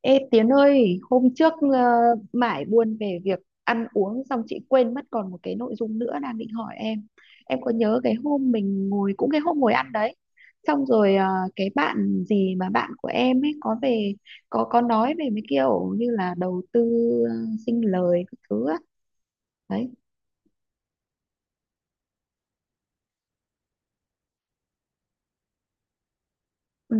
Ê Tiến ơi, hôm trước mải buồn về việc ăn uống xong chị quên mất còn một cái nội dung nữa đang định hỏi em. Em có nhớ cái hôm mình ngồi cũng cái hôm ngồi ăn đấy. Xong rồi cái bạn gì mà bạn của em ấy có về có nói về mấy kiểu như là đầu tư ờ, sinh lời các thứ á. Đấy. Ừ.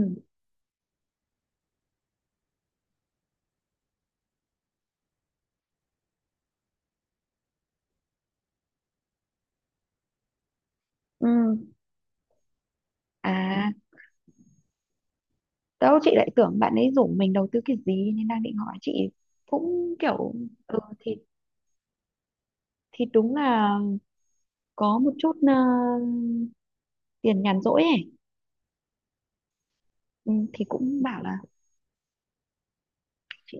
Ừ. À, đâu chị lại tưởng bạn ấy rủ mình đầu tư cái gì nên đang định hỏi chị cũng kiểu ừ thì đúng là có một chút tiền nhàn rỗi ấy, ừ, thì cũng bảo là chị.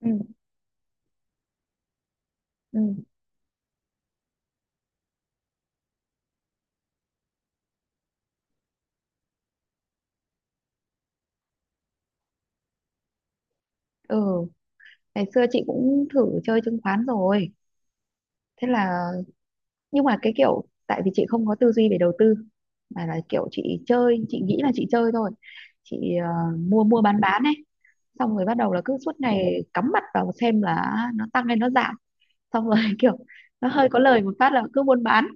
Ừ, ừ, ừ, ngày xưa chị cũng thử chơi chứng khoán rồi, thế là nhưng mà cái kiểu tại vì chị không có tư duy về đầu tư mà là kiểu chị chơi, chị nghĩ là chị chơi thôi. Chị mua mua bán ấy, xong rồi bắt đầu là cứ suốt ngày cắm mặt vào xem là nó tăng hay nó giảm, xong rồi kiểu nó hơi có lời một phát là cứ buôn bán,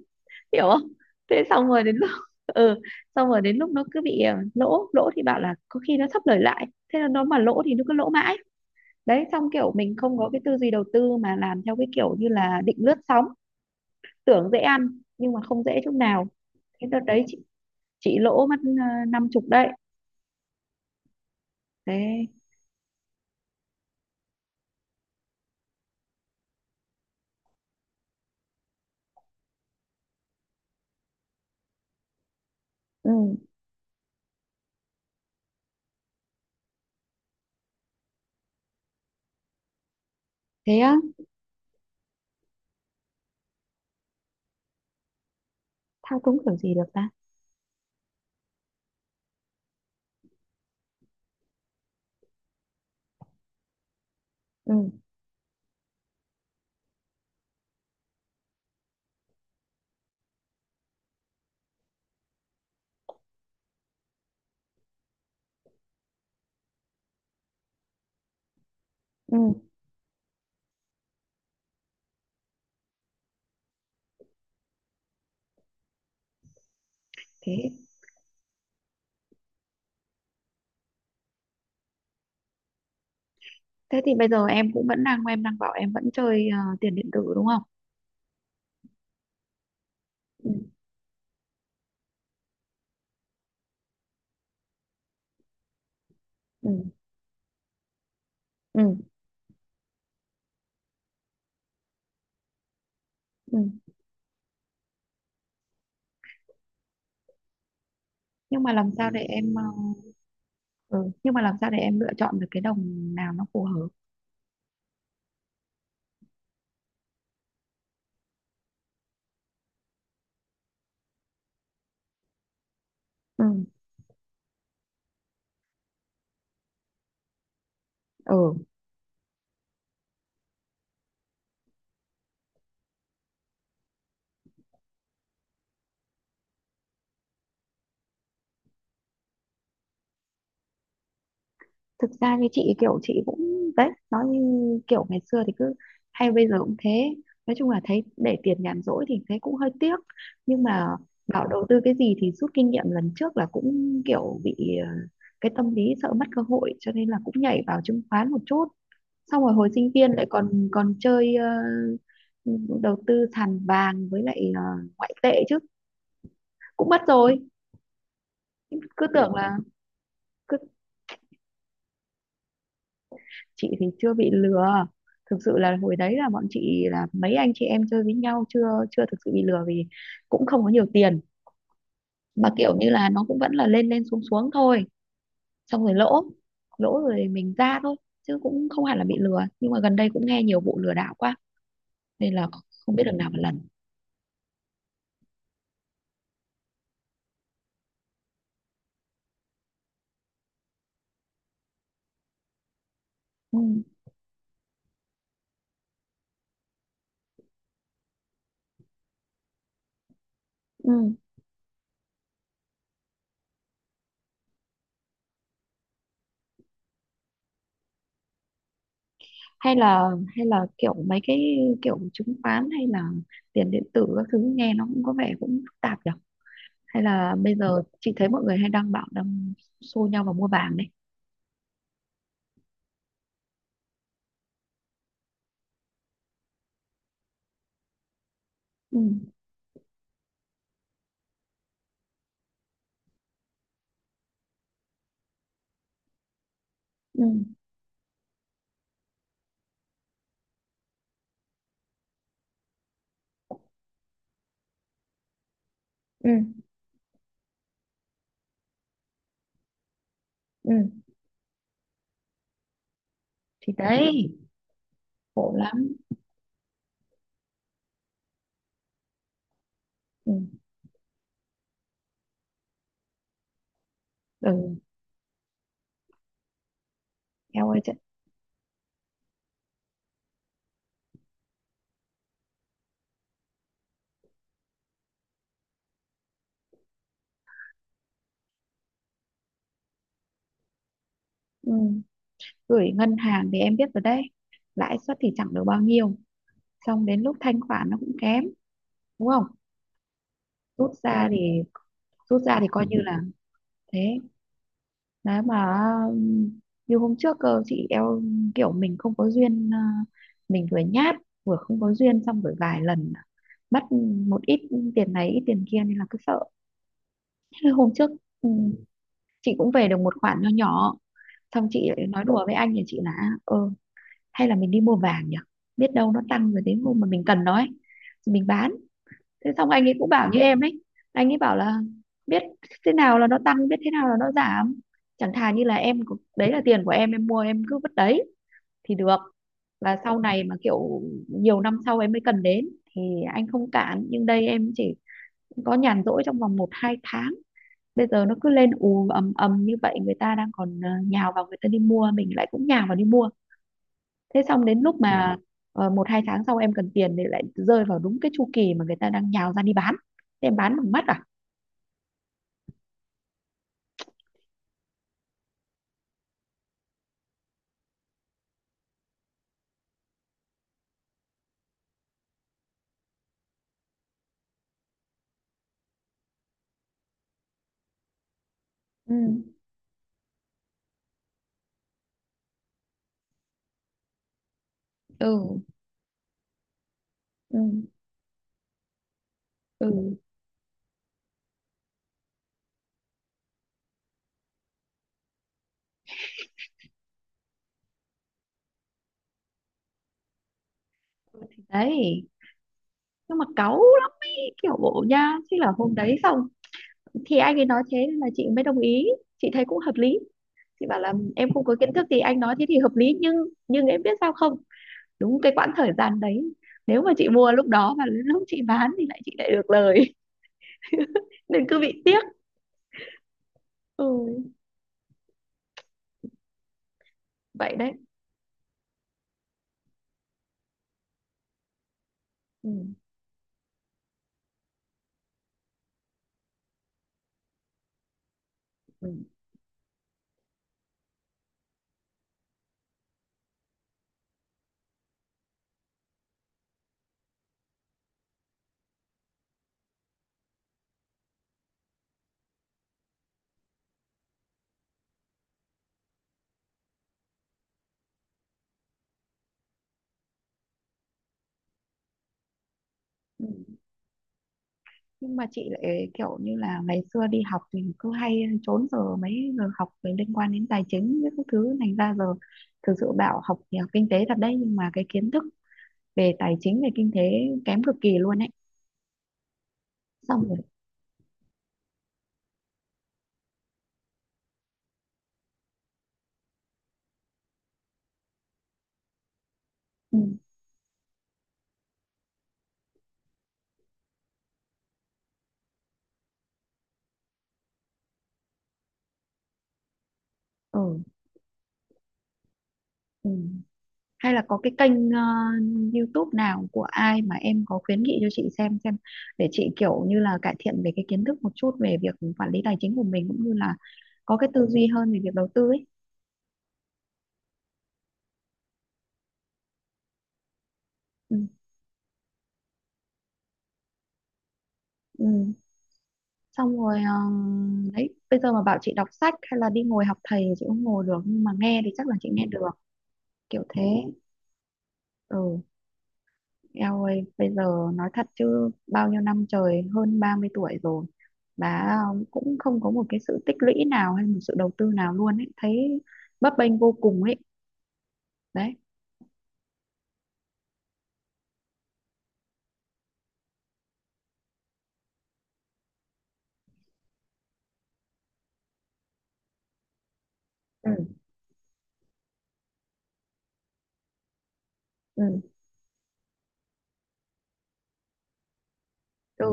hiểu không. Thế xong rồi đến lúc ừ, xong rồi đến lúc nó cứ bị lỗ lỗ thì bảo là có khi nó thấp lời lại, thế là nó mà lỗ thì nó cứ lỗ mãi. Đấy, xong kiểu mình không có cái tư duy đầu tư mà làm theo cái kiểu như là định lướt sóng, tưởng dễ ăn nhưng mà không dễ chút nào. Thế đợt đấy chị lỗ mất 50 đấy, thế. Ừ. Thế á. Thao túng kiểu gì được ta. Ừ. Ừ. Thế. Thế thì bây giờ em cũng vẫn đang em đang bảo em vẫn chơi tiền điện tử đúng không? Ừ, ừ, ừ, ừ. Nhưng mà làm sao để em ừ, nhưng mà làm sao để em lựa chọn được cái đồng nào nó phù hợp? Ừ, ừ. Thực ra như chị kiểu chị cũng đấy, nói như kiểu ngày xưa thì cứ hay bây giờ cũng thế, nói chung là thấy để tiền nhàn rỗi thì thấy cũng hơi tiếc. Nhưng mà bảo đầu tư cái gì thì rút kinh nghiệm lần trước là cũng kiểu bị cái tâm lý sợ mất cơ hội cho nên là cũng nhảy vào chứng khoán một chút, xong rồi hồi sinh viên lại còn còn chơi đầu tư sàn vàng với lại ngoại tệ chứ cũng mất rồi. Cứ tưởng là cứ chị thì chưa bị lừa, thực sự là hồi đấy là bọn chị là mấy anh chị em chơi với nhau chưa chưa thực sự bị lừa vì cũng không có nhiều tiền, mà kiểu như là nó cũng vẫn là lên lên xuống xuống thôi, xong rồi lỗ, lỗ rồi mình ra thôi, chứ cũng không hẳn là bị lừa, nhưng mà gần đây cũng nghe nhiều vụ lừa đảo quá nên là không biết được nào một lần. Ừ, ừ. Hay là hay là kiểu mấy cái kiểu chứng khoán hay là tiền điện tử các thứ nghe nó cũng có vẻ cũng phức tạp nhỉ. Hay là bây giờ chị thấy mọi người hay đăng bảo đang xô nhau vào mua vàng đấy. Ừ. Ừ. Ừ. Ừ thì đấy, khổ lắm. Ừ. Ừ. Eo ơi chứ. Ừ. Gửi ngân hàng thì em biết rồi đấy, lãi suất thì chẳng được bao nhiêu, xong đến lúc thanh khoản nó cũng kém, đúng không. Rút ra thì rút ra thì coi như là, thế. Đấy mà như hôm trước cơ chị, eo, kiểu mình không có duyên à, mình vừa nhát vừa không có duyên xong rồi vài lần mất một ít tiền này ít tiền kia nên là cứ sợ. Thế hôm trước, ừ, chị cũng về được một khoản nho nhỏ, xong chị lại nói đùa với anh nhà chị là ờ, hay là mình đi mua vàng nhỉ, biết đâu nó tăng rồi đến hôm mà mình cần nó ấy thì mình bán. Thế xong anh ấy cũng bảo như em ấy, anh ấy bảo là biết thế nào là nó tăng biết thế nào là nó giảm, chẳng thà như là em có- đấy là tiền của em mua em cứ vứt đấy thì được, và sau này mà kiểu nhiều năm sau em mới cần đến thì anh không cản, nhưng đây em chỉ có nhàn rỗi trong vòng 1 2 tháng, bây giờ nó cứ lên ù ầm ầm như vậy, người ta đang còn nhào vào người ta đi mua mình lại cũng nhào vào đi mua, thế xong đến lúc ừ mà 1 2 tháng sau em cần tiền thì lại rơi vào đúng cái chu kỳ mà người ta đang nhào ra đi bán, thế em bán bằng mắt à. Ừ. Ừ. Ừ. Ừ thì đấy, nhưng mà cáu lắm ý, kiểu bộ nha, thế là hôm đấy xong thì anh ấy nói thế nên là chị mới đồng ý, chị thấy cũng hợp lý. Chị bảo là em không có kiến thức thì anh nói thế thì hợp lý nhưng em biết sao không, đúng cái quãng thời gian đấy nếu mà chị mua lúc đó và lúc chị bán thì lại chị lại được lời nên cứ bị tiếc. Ừ vậy đấy. Ừ, ừ. Ừ. Nhưng mà chị lại kiểu như là ngày xưa đi học thì cứ hay trốn giờ mấy giờ học về liên quan đến tài chính với các thứ thành ra giờ thực sự bảo học thì học kinh tế thật đấy nhưng mà cái kiến thức về tài chính về kinh tế kém cực kỳ luôn ấy. Xong rồi ừ, ừ, ừ. Hay là có cái kênh YouTube nào của ai mà em có khuyến nghị cho chị xem, để chị kiểu như là cải thiện về cái kiến thức một chút về việc quản lý tài chính của mình cũng như là có cái tư duy hơn về việc đầu tư ấy. Ừ, ừ. Xong rồi đấy bây giờ mà bảo chị đọc sách hay là đi ngồi học thầy thì chị không ngồi được, nhưng mà nghe thì chắc là chị nghe được, kiểu thế. Ừ. Eo ơi bây giờ nói thật chứ bao nhiêu năm trời hơn 30 tuổi rồi mà cũng không có một cái sự tích lũy nào hay một sự đầu tư nào luôn ấy, thấy bấp bênh vô cùng ấy. Đấy. Ừ. Ừ. Ừ.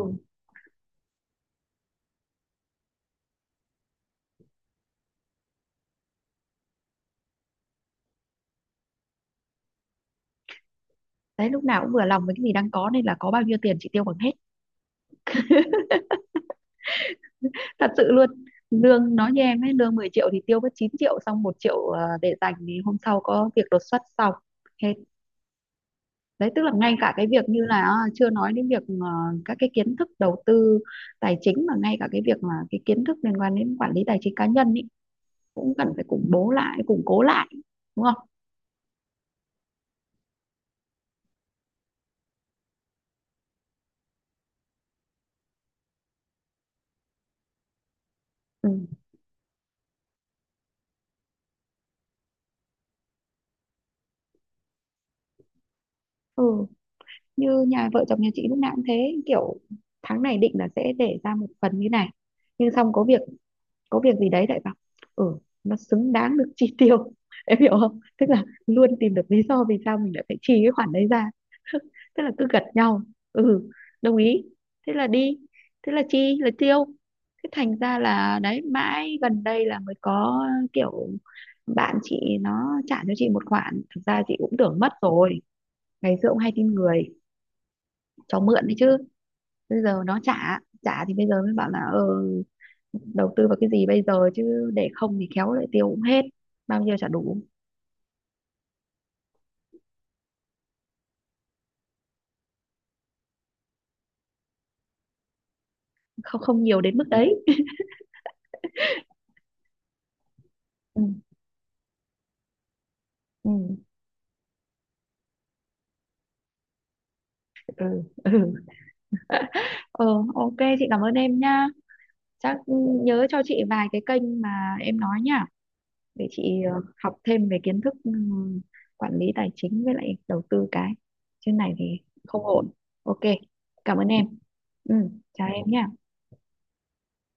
Đấy lúc nào cũng vừa lòng với cái gì đang có nên là có bao nhiêu tiền chị tiêu bằng hết, thật sự luôn. Lương nói như em ấy lương 10 triệu thì tiêu mất 9 triệu xong 1 triệu để dành thì hôm sau có việc đột xuất xong hết. Đấy tức là ngay cả cái việc như là chưa nói đến việc các cái kiến thức đầu tư tài chính mà ngay cả cái việc mà cái kiến thức liên quan đến quản lý tài chính cá nhân ý, cũng cần phải củng bố lại củng cố lại, đúng không. Ừ. Ừ như nhà vợ chồng nhà chị lúc nào cũng thế, kiểu tháng này định là sẽ để ra một phần như này, nhưng xong có việc, có việc gì đấy lại bảo ừ nó xứng đáng được chi tiêu em hiểu không, tức là luôn tìm được lý do vì sao mình lại phải chi cái khoản đấy ra tức là cứ gật nhau, ừ, đồng ý, thế là đi, thế là chi là tiêu. Thế thành ra là đấy mãi gần đây là mới có kiểu bạn chị nó trả cho chị một khoản, thực ra chị cũng tưởng mất rồi, ngày xưa cũng hay tin người cho mượn đấy chứ, bây giờ nó trả trả thì bây giờ mới bảo là ờ, đầu tư vào cái gì bây giờ chứ để không thì khéo lại tiêu cũng hết, bao nhiêu chả đủ. Không không nhiều đến mức đấy. Ừ. Ừ. Ừ, ừ. Ờ, ok chị cảm ơn em nha, chắc nhớ cho chị vài cái kênh mà em nói nha, để chị học thêm về kiến thức, ừ, quản lý tài chính với lại đầu tư cái trên này thì không ổn. Ok, cảm ơn em. Ừ, chào em nha.